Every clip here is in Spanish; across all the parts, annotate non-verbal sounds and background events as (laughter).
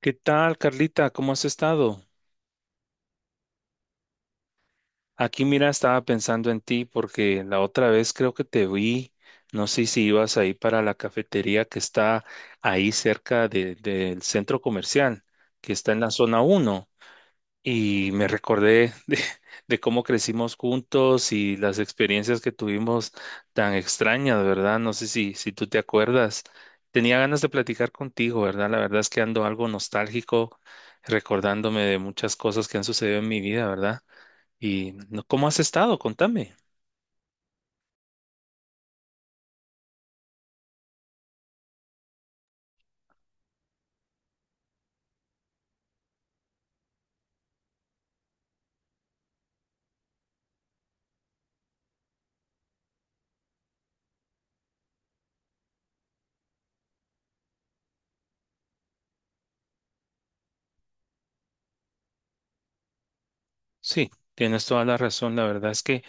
¿Qué tal, Carlita? ¿Cómo has estado? Aquí, mira, estaba pensando en ti porque la otra vez creo que te vi. No sé si ibas ahí para la cafetería que está ahí del centro comercial, que está en la zona uno. Y me recordé de, (laughs) de cómo crecimos juntos y las experiencias que tuvimos tan extrañas, ¿verdad? No sé si tú te acuerdas. Tenía ganas de platicar contigo, ¿verdad? La verdad es que ando algo nostálgico, recordándome de muchas cosas que han sucedido en mi vida, ¿verdad? Y ¿cómo has estado? Contame. Sí, tienes toda la razón. La verdad es que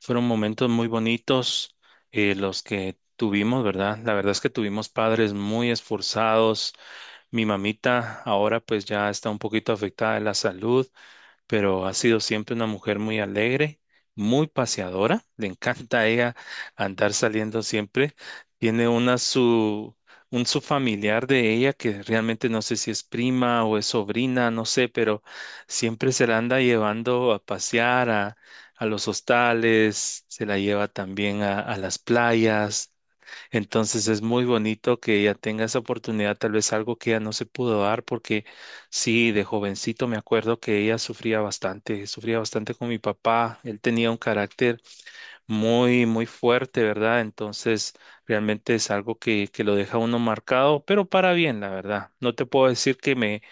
fueron momentos muy bonitos los que tuvimos, ¿verdad? La verdad es que tuvimos padres muy esforzados. Mi mamita ahora pues ya está un poquito afectada de la salud, pero ha sido siempre una mujer muy alegre, muy paseadora. Le encanta a ella andar saliendo siempre. Tiene una su Un su familiar de ella que realmente no sé si es prima o es sobrina, no sé, pero siempre se la anda llevando a pasear a los hostales, se la lleva también a las playas. Entonces es muy bonito que ella tenga esa oportunidad, tal vez algo que ella no se pudo dar, porque sí, de jovencito me acuerdo que ella sufría bastante con mi papá. Él tenía un carácter muy, muy fuerte, ¿verdad? Entonces realmente es algo que lo deja a uno marcado, pero para bien, la verdad. No te puedo decir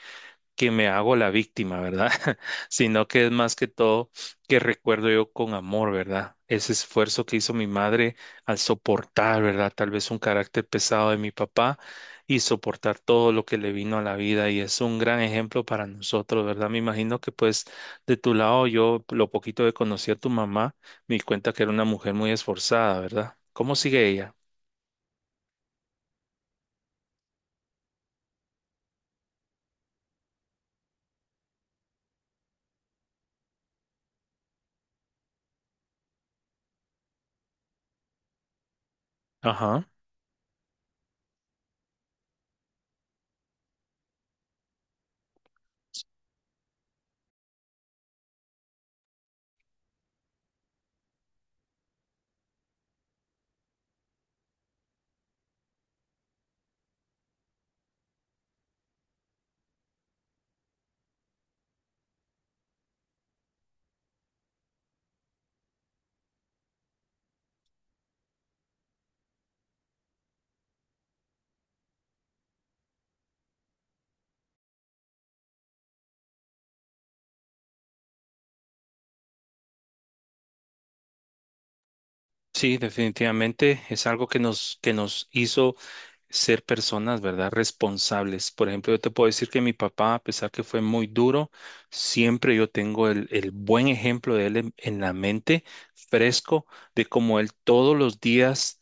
que me hago la víctima, ¿verdad? (laughs) Sino que es más que todo que recuerdo yo con amor, ¿verdad? Ese esfuerzo que hizo mi madre al soportar, ¿verdad? Tal vez un carácter pesado de mi papá y soportar todo lo que le vino a la vida, y es un gran ejemplo para nosotros, ¿verdad? Me imagino que pues de tu lado, yo lo poquito que conocí a tu mamá, me di cuenta que era una mujer muy esforzada, ¿verdad? ¿Cómo sigue ella? Ajá. Sí, definitivamente es algo que nos hizo ser personas, ¿verdad? Responsables. Por ejemplo, yo te puedo decir que mi papá, a pesar que fue muy duro, siempre yo tengo el buen ejemplo de él en la mente, fresco, de cómo él todos los días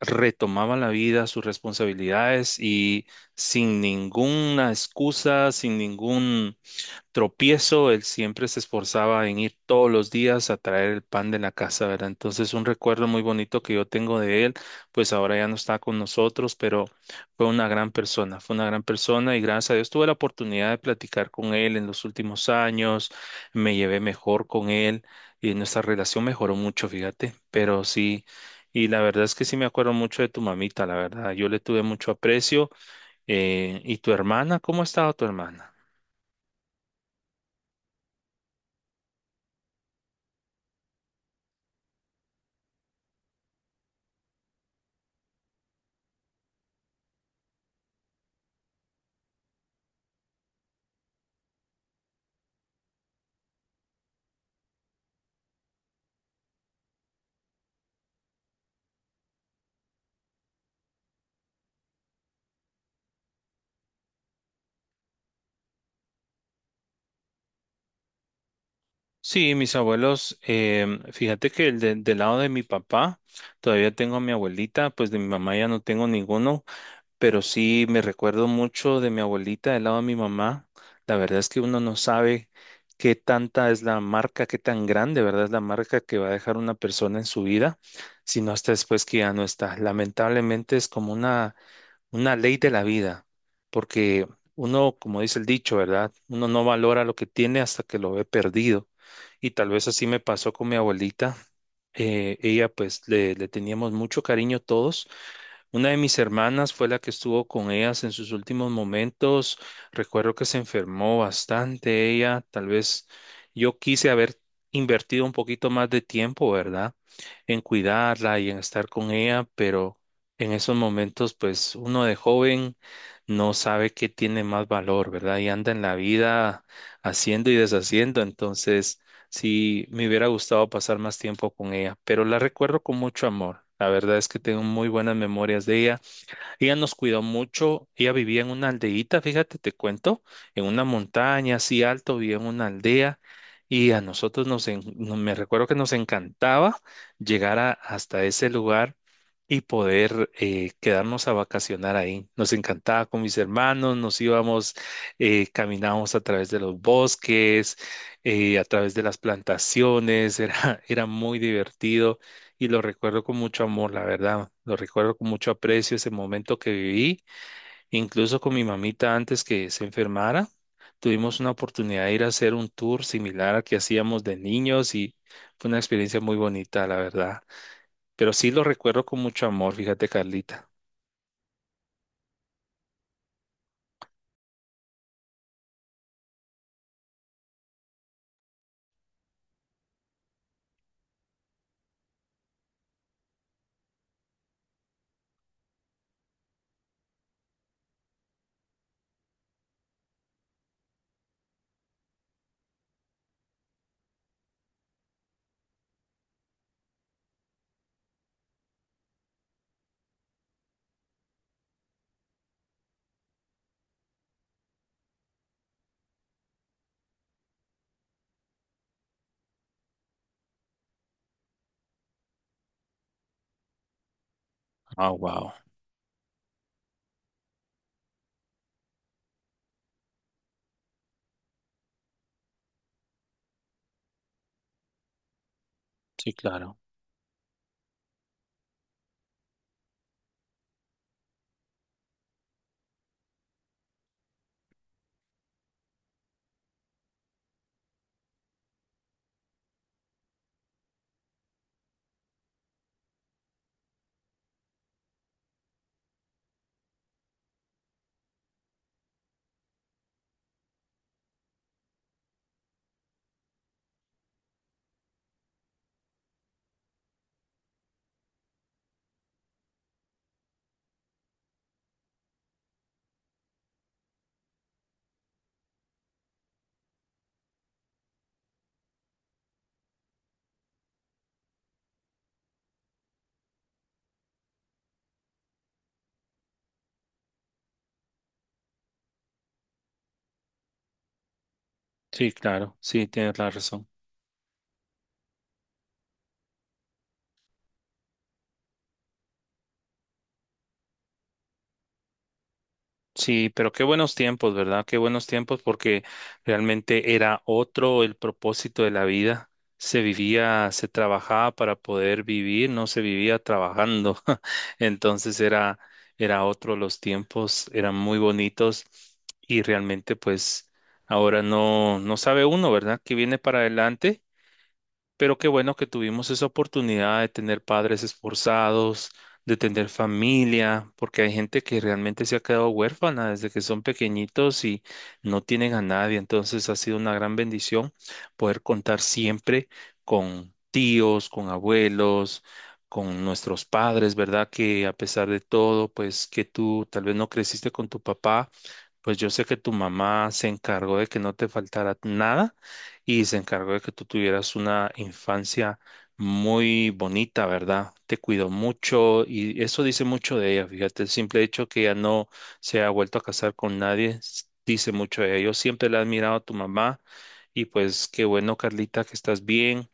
retomaba la vida, sus responsabilidades y sin ninguna excusa, sin ningún tropiezo, él siempre se esforzaba en ir todos los días a traer el pan de la casa, ¿verdad? Entonces, un recuerdo muy bonito que yo tengo de él, pues ahora ya no está con nosotros, pero fue una gran persona, fue una gran persona, y gracias a Dios tuve la oportunidad de platicar con él en los últimos años, me llevé mejor con él y nuestra relación mejoró mucho, fíjate, pero sí. Y la verdad es que sí me acuerdo mucho de tu mamita, la verdad. Yo le tuve mucho aprecio. ¿Y tu hermana? ¿Cómo ha estado tu hermana? Sí, mis abuelos, fíjate que del lado de mi papá, todavía tengo a mi abuelita, pues de mi mamá ya no tengo ninguno, pero sí me recuerdo mucho de mi abuelita del lado de mi mamá. La verdad es que uno no sabe qué tanta es la marca, qué tan grande, ¿verdad? Es la marca que va a dejar una persona en su vida, sino hasta después que ya no está. Lamentablemente es como una ley de la vida, porque uno, como dice el dicho, ¿verdad? Uno no valora lo que tiene hasta que lo ve perdido. Y tal vez así me pasó con mi abuelita. Ella, pues, le teníamos mucho cariño todos. Una de mis hermanas fue la que estuvo con ellas en sus últimos momentos. Recuerdo que se enfermó bastante ella. Tal vez yo quise haber invertido un poquito más de tiempo, ¿verdad? En cuidarla y en estar con ella, pero en esos momentos, pues uno de joven no sabe qué tiene más valor, ¿verdad? Y anda en la vida haciendo y deshaciendo. Entonces... sí, me hubiera gustado pasar más tiempo con ella, pero la recuerdo con mucho amor. La verdad es que tengo muy buenas memorias de ella. Ella nos cuidó mucho. Ella vivía en una aldeíta, fíjate, te cuento, en una montaña así alto, vivía en una aldea. Y a nosotros nos, me recuerdo que nos encantaba hasta ese lugar y poder quedarnos a vacacionar ahí. Nos encantaba con mis hermanos, nos íbamos, caminábamos a través de los bosques, a través de las plantaciones, (laughs) era muy divertido y lo recuerdo con mucho amor, la verdad. Lo recuerdo con mucho aprecio ese momento que viví, incluso con mi mamita antes que se enfermara. Tuvimos una oportunidad de ir a hacer un tour similar al que hacíamos de niños y fue una experiencia muy bonita, la verdad. Pero sí lo recuerdo con mucho amor, fíjate, Carlita. Ah, wow. Sí, claro. Sí, claro. Sí, tienes la razón. Sí, pero qué buenos tiempos, ¿verdad? Qué buenos tiempos, porque realmente era otro el propósito de la vida. Se vivía, se trabajaba para poder vivir, no se vivía trabajando. (laughs) Entonces era, Era otro los tiempos, eran muy bonitos, y realmente pues ahora no sabe uno, ¿verdad? ¿Qué viene para adelante? Pero qué bueno que tuvimos esa oportunidad de tener padres esforzados, de tener familia, porque hay gente que realmente se ha quedado huérfana desde que son pequeñitos y no tienen a nadie. Entonces ha sido una gran bendición poder contar siempre con tíos, con abuelos, con nuestros padres, ¿verdad? Que a pesar de todo, pues que tú tal vez no creciste con tu papá, pues yo sé que tu mamá se encargó de que no te faltara nada y se encargó de que tú tuvieras una infancia muy bonita, ¿verdad? Te cuidó mucho, y eso dice mucho de ella, fíjate, el simple hecho que ella no se ha vuelto a casar con nadie dice mucho de ella. Yo siempre le he admirado a tu mamá, y pues qué bueno, Carlita, que estás bien.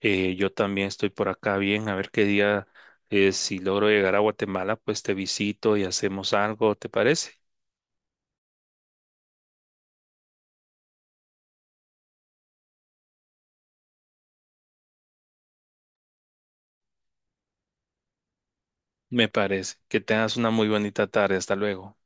Yo también estoy por acá bien, a ver qué día, si logro llegar a Guatemala, pues te visito y hacemos algo, ¿te parece? Me parece. Que tengas una muy bonita tarde. Hasta luego.